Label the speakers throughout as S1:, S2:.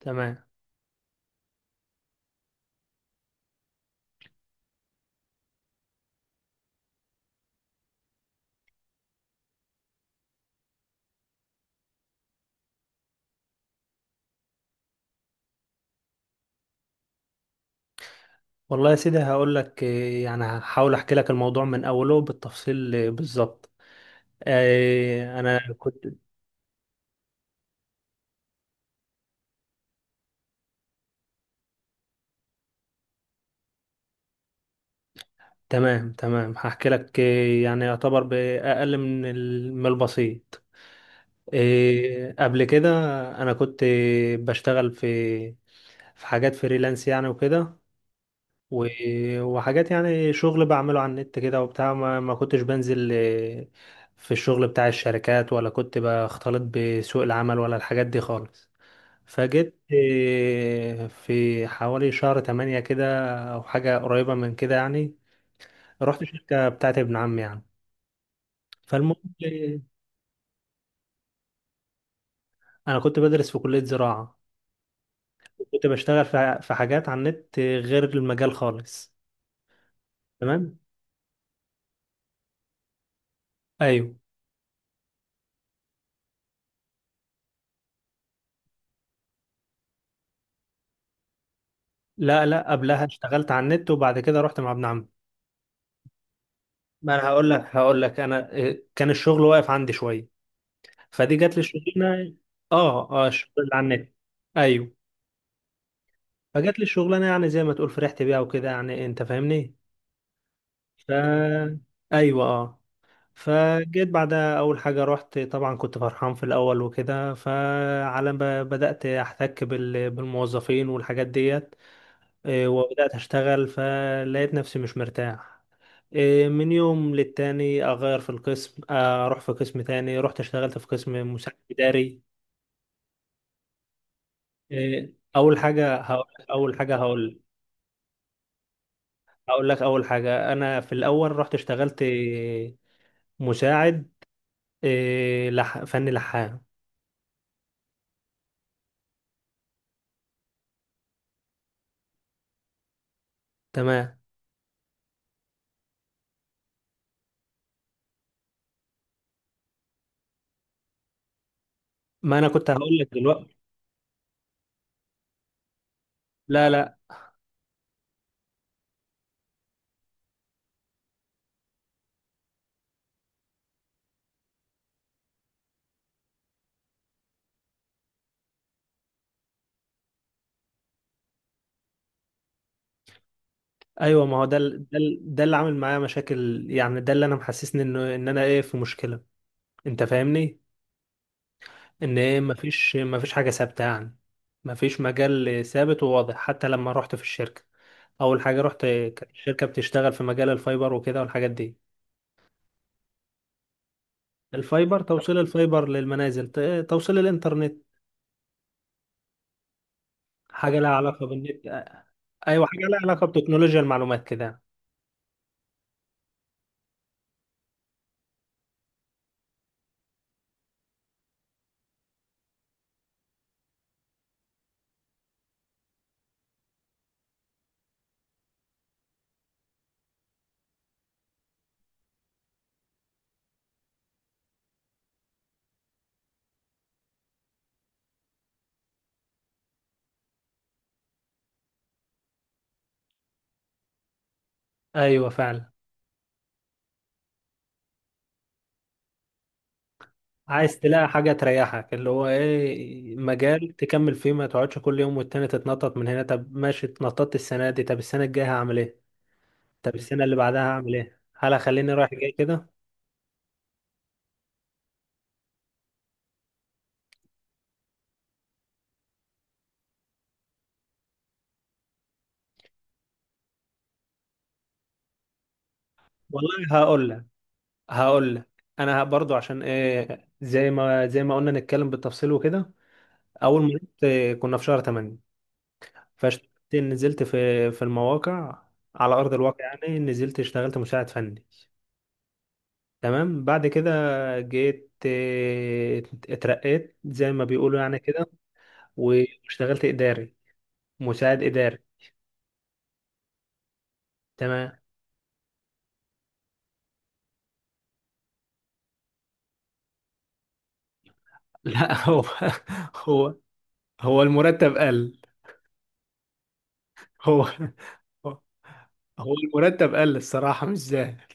S1: تمام. والله يا سيدي هقول لك، يعني هحاول احكي لك الموضوع من اوله بالتفصيل بالظبط. انا كنت. تمام تمام، هحكي لك. يعني يعتبر باقل من من البسيط. قبل كده انا كنت بشتغل في حاجات فريلانس يعني وكده، و- وحاجات يعني شغل بعمله على النت كده وبتاع. ما كنتش بنزل في الشغل بتاع الشركات، ولا كنت بختلط بسوق العمل ولا الحاجات دي خالص. فجيت في حوالي شهر تمانية كده أو حاجة قريبة من كده، يعني رحت شركة بتاعت ابن عمي يعني. فالمهم، إيه، أنا كنت بدرس في كلية زراعة، كنت بشتغل في حاجات على النت غير المجال خالص. تمام. أيوه. لا لا، قبلها اشتغلت على النت وبعد كده رحت مع ابن عمي. ما أنا هقول لك أنا كان الشغل واقف عندي شوية، فدي جات لي الشغلانة. آه آه، الشغل اللي على النت. أيوه. فجات لي الشغلانة يعني زي ما تقول فرحت بيها وكده، يعني أنت فاهمني. ف، ايوه اه. فجيت بعدها، اول حاجه رحت طبعا كنت فرحان في الاول وكده. فعلى ما بدات احتك بالموظفين والحاجات ديت، وبدات اشتغل فلقيت نفسي مش مرتاح. من يوم للتاني اغير في القسم، اروح في قسم تاني. رحت اشتغلت في قسم مساعد اداري. اول حاجه هقول اول حاجه هقول هقول لك اول حاجه، انا في الاول رحت اشتغلت مساعد، فني لحام. تمام. ما انا كنت هقول لك دلوقتي. لا لا. ايوه، ما هو ده ده اللي عامل معايا مشاكل يعني، ده اللي انا محسسني انه ان انا في مشكله. انت فاهمني. ان مفيش حاجه ثابته يعني. مفيش مجال ثابت وواضح. حتى لما رحت في الشركه، اول حاجه رحت كانت الشركه بتشتغل في مجال الفايبر وكده والحاجات دي. الفايبر توصيل الفايبر للمنازل، توصيل الانترنت. حاجه لها علاقه بالنت. ايوه، حاجه لها علاقه بتكنولوجيا المعلومات كده. ايوه فعلا. عايز تلاقي حاجة تريحك، اللي هو ايه، مجال تكمل فيه. ما تقعدش كل يوم والتاني تتنطط من هنا. طب ماشي، اتنططت السنة دي، طب السنة الجاية هعمل ايه؟ طب السنة اللي بعدها هعمل ايه؟ هل هخليني رايح جاي كده؟ والله هقول لك انا برضو، عشان ايه، زي ما قلنا نتكلم بالتفصيل وكده. اول ما رحت كنا في شهر 8، فاشتغلت نزلت في المواقع على ارض الواقع يعني. نزلت اشتغلت مساعد فني. تمام. بعد كده جيت اترقيت زي ما بيقولوا يعني كده، واشتغلت إداري، مساعد إداري. تمام. لا، هو هو هو المرتب قل. هو هو المرتب قل، الصراحة مش زاهر.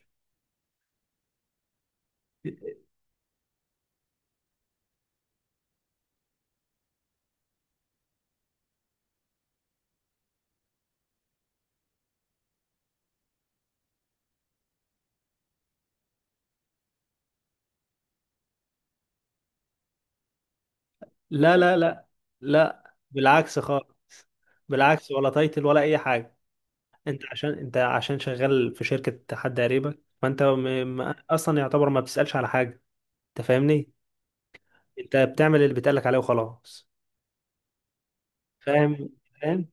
S1: لا لا لا لا، بالعكس خالص. بالعكس، ولا تايتل ولا أي حاجة. أنت عشان شغال في شركة حد قريبك، فأنت م... أصلا يعتبر ما بتسألش على حاجة. أنت فاهمني. انت بتعمل اللي بيتقالك عليه وخلاص. فاهم فاهم.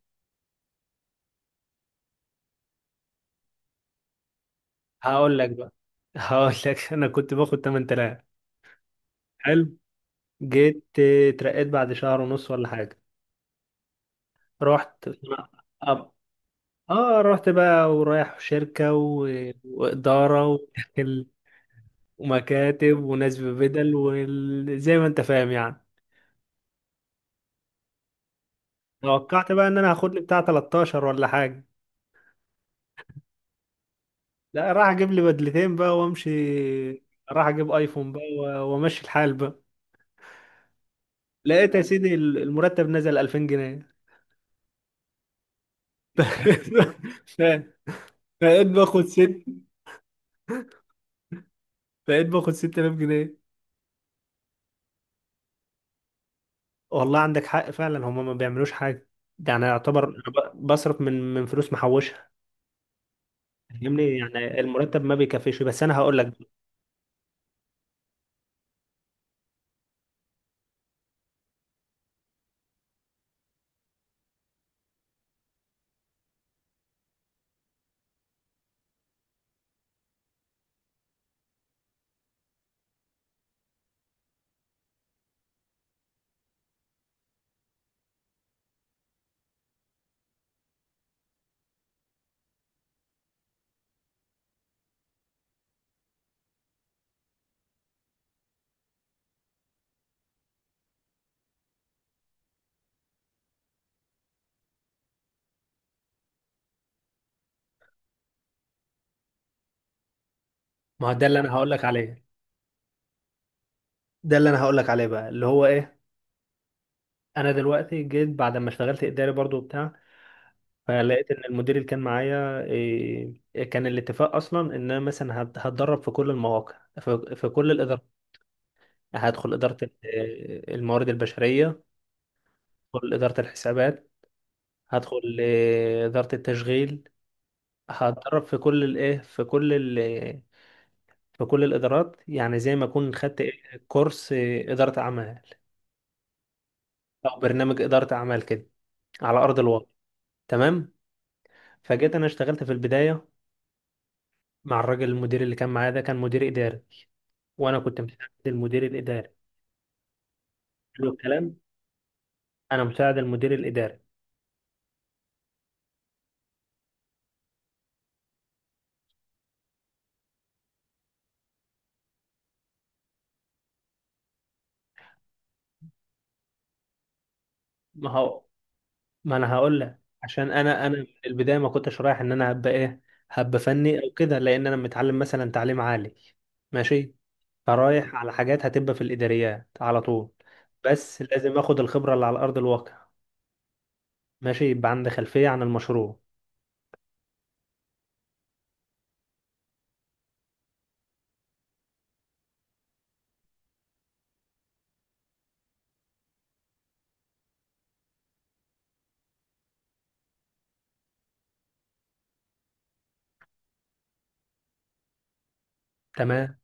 S1: هقول لك بقى هقول لك انا كنت باخد 8000. حلو. جيت اترقيت بعد شهر ونص ولا حاجه. رحت اه آه، رحت بقى، ورايح شركه واداره وداخل ومكاتب وناس ببدل، وزي ما انت فاهم يعني. توقعت بقى ان انا هاخد لي بتاع 13 ولا حاجه. لا، راح اجيب لي بدلتين بقى وامشي. راح اجيب ايفون بقى وامشي الحال بقى. لقيت يا سيدي المرتب نزل 2000 جنيه. ف- فبقيت باخد ست بقيت باخد 6000 جنيه. والله عندك حق فعلا، هما ما بيعملوش حاجه. يعني يعتبر أنا بصرف من فلوس محوشها. فاهمني، يعني المرتب ما بيكفيش. بس انا هقول لك. ما هو ده اللي انا هقول لك عليه. ده اللي انا هقول لك عليه بقى، اللي هو ايه. انا دلوقتي جيت بعد ما اشتغلت اداري برضو بتاع، فلقيت ان المدير اللي كان معايا، كان الاتفاق اصلا ان انا مثلا هتدرب في كل المواقع، في كل الادارات. هدخل إدارة الموارد البشرية، هدخل إدارة الحسابات، هدخل إدارة التشغيل. هتدرب في كل الإيه في كل ال في كل الإدارات. يعني زي ما أكون خدت كورس إدارة أعمال، أو برنامج إدارة أعمال كده، على أرض الواقع. تمام. فجيت أنا اشتغلت في البداية مع الراجل المدير اللي كان معايا ده، كان مدير إداري، وأنا كنت مساعد المدير الإداري. حلو الكلام. أنا مساعد المدير الإداري. ما هو ما انا هقول لك، عشان انا من البدايه ما كنتش رايح ان انا هبقى فني او كده، لان انا متعلم مثلا تعليم عالي. ماشي. فرايح على حاجات هتبقى في الاداريات على طول. بس لازم اخد الخبره اللي على ارض الواقع، ماشي، يبقى عندي خلفيه عن المشروع. تمام.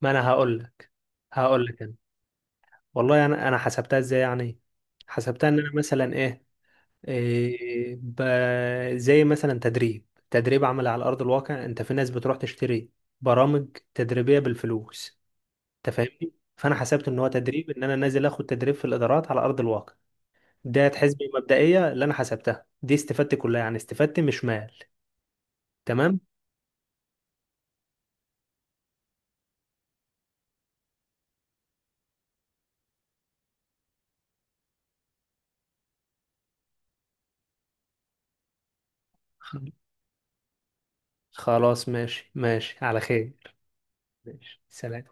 S1: ما انا هقول لك. انا والله انا حسبتها ازاي يعني. حسبتها ان انا مثلا ايه، زي مثلا تدريب عملي على أرض الواقع. أنت في ناس بتروح تشتري برامج تدريبية بالفلوس. أنت فاهمني؟ فأنا حسبت إن هو تدريب، إن أنا نازل آخد تدريب في الإدارات على أرض الواقع. ده حسبة مبدئية اللي أنا حسبتها دي، استفدت كلها يعني، استفدت مش مال. تمام؟ خلاص، ماشي ماشي على خير. ماشي، سلام.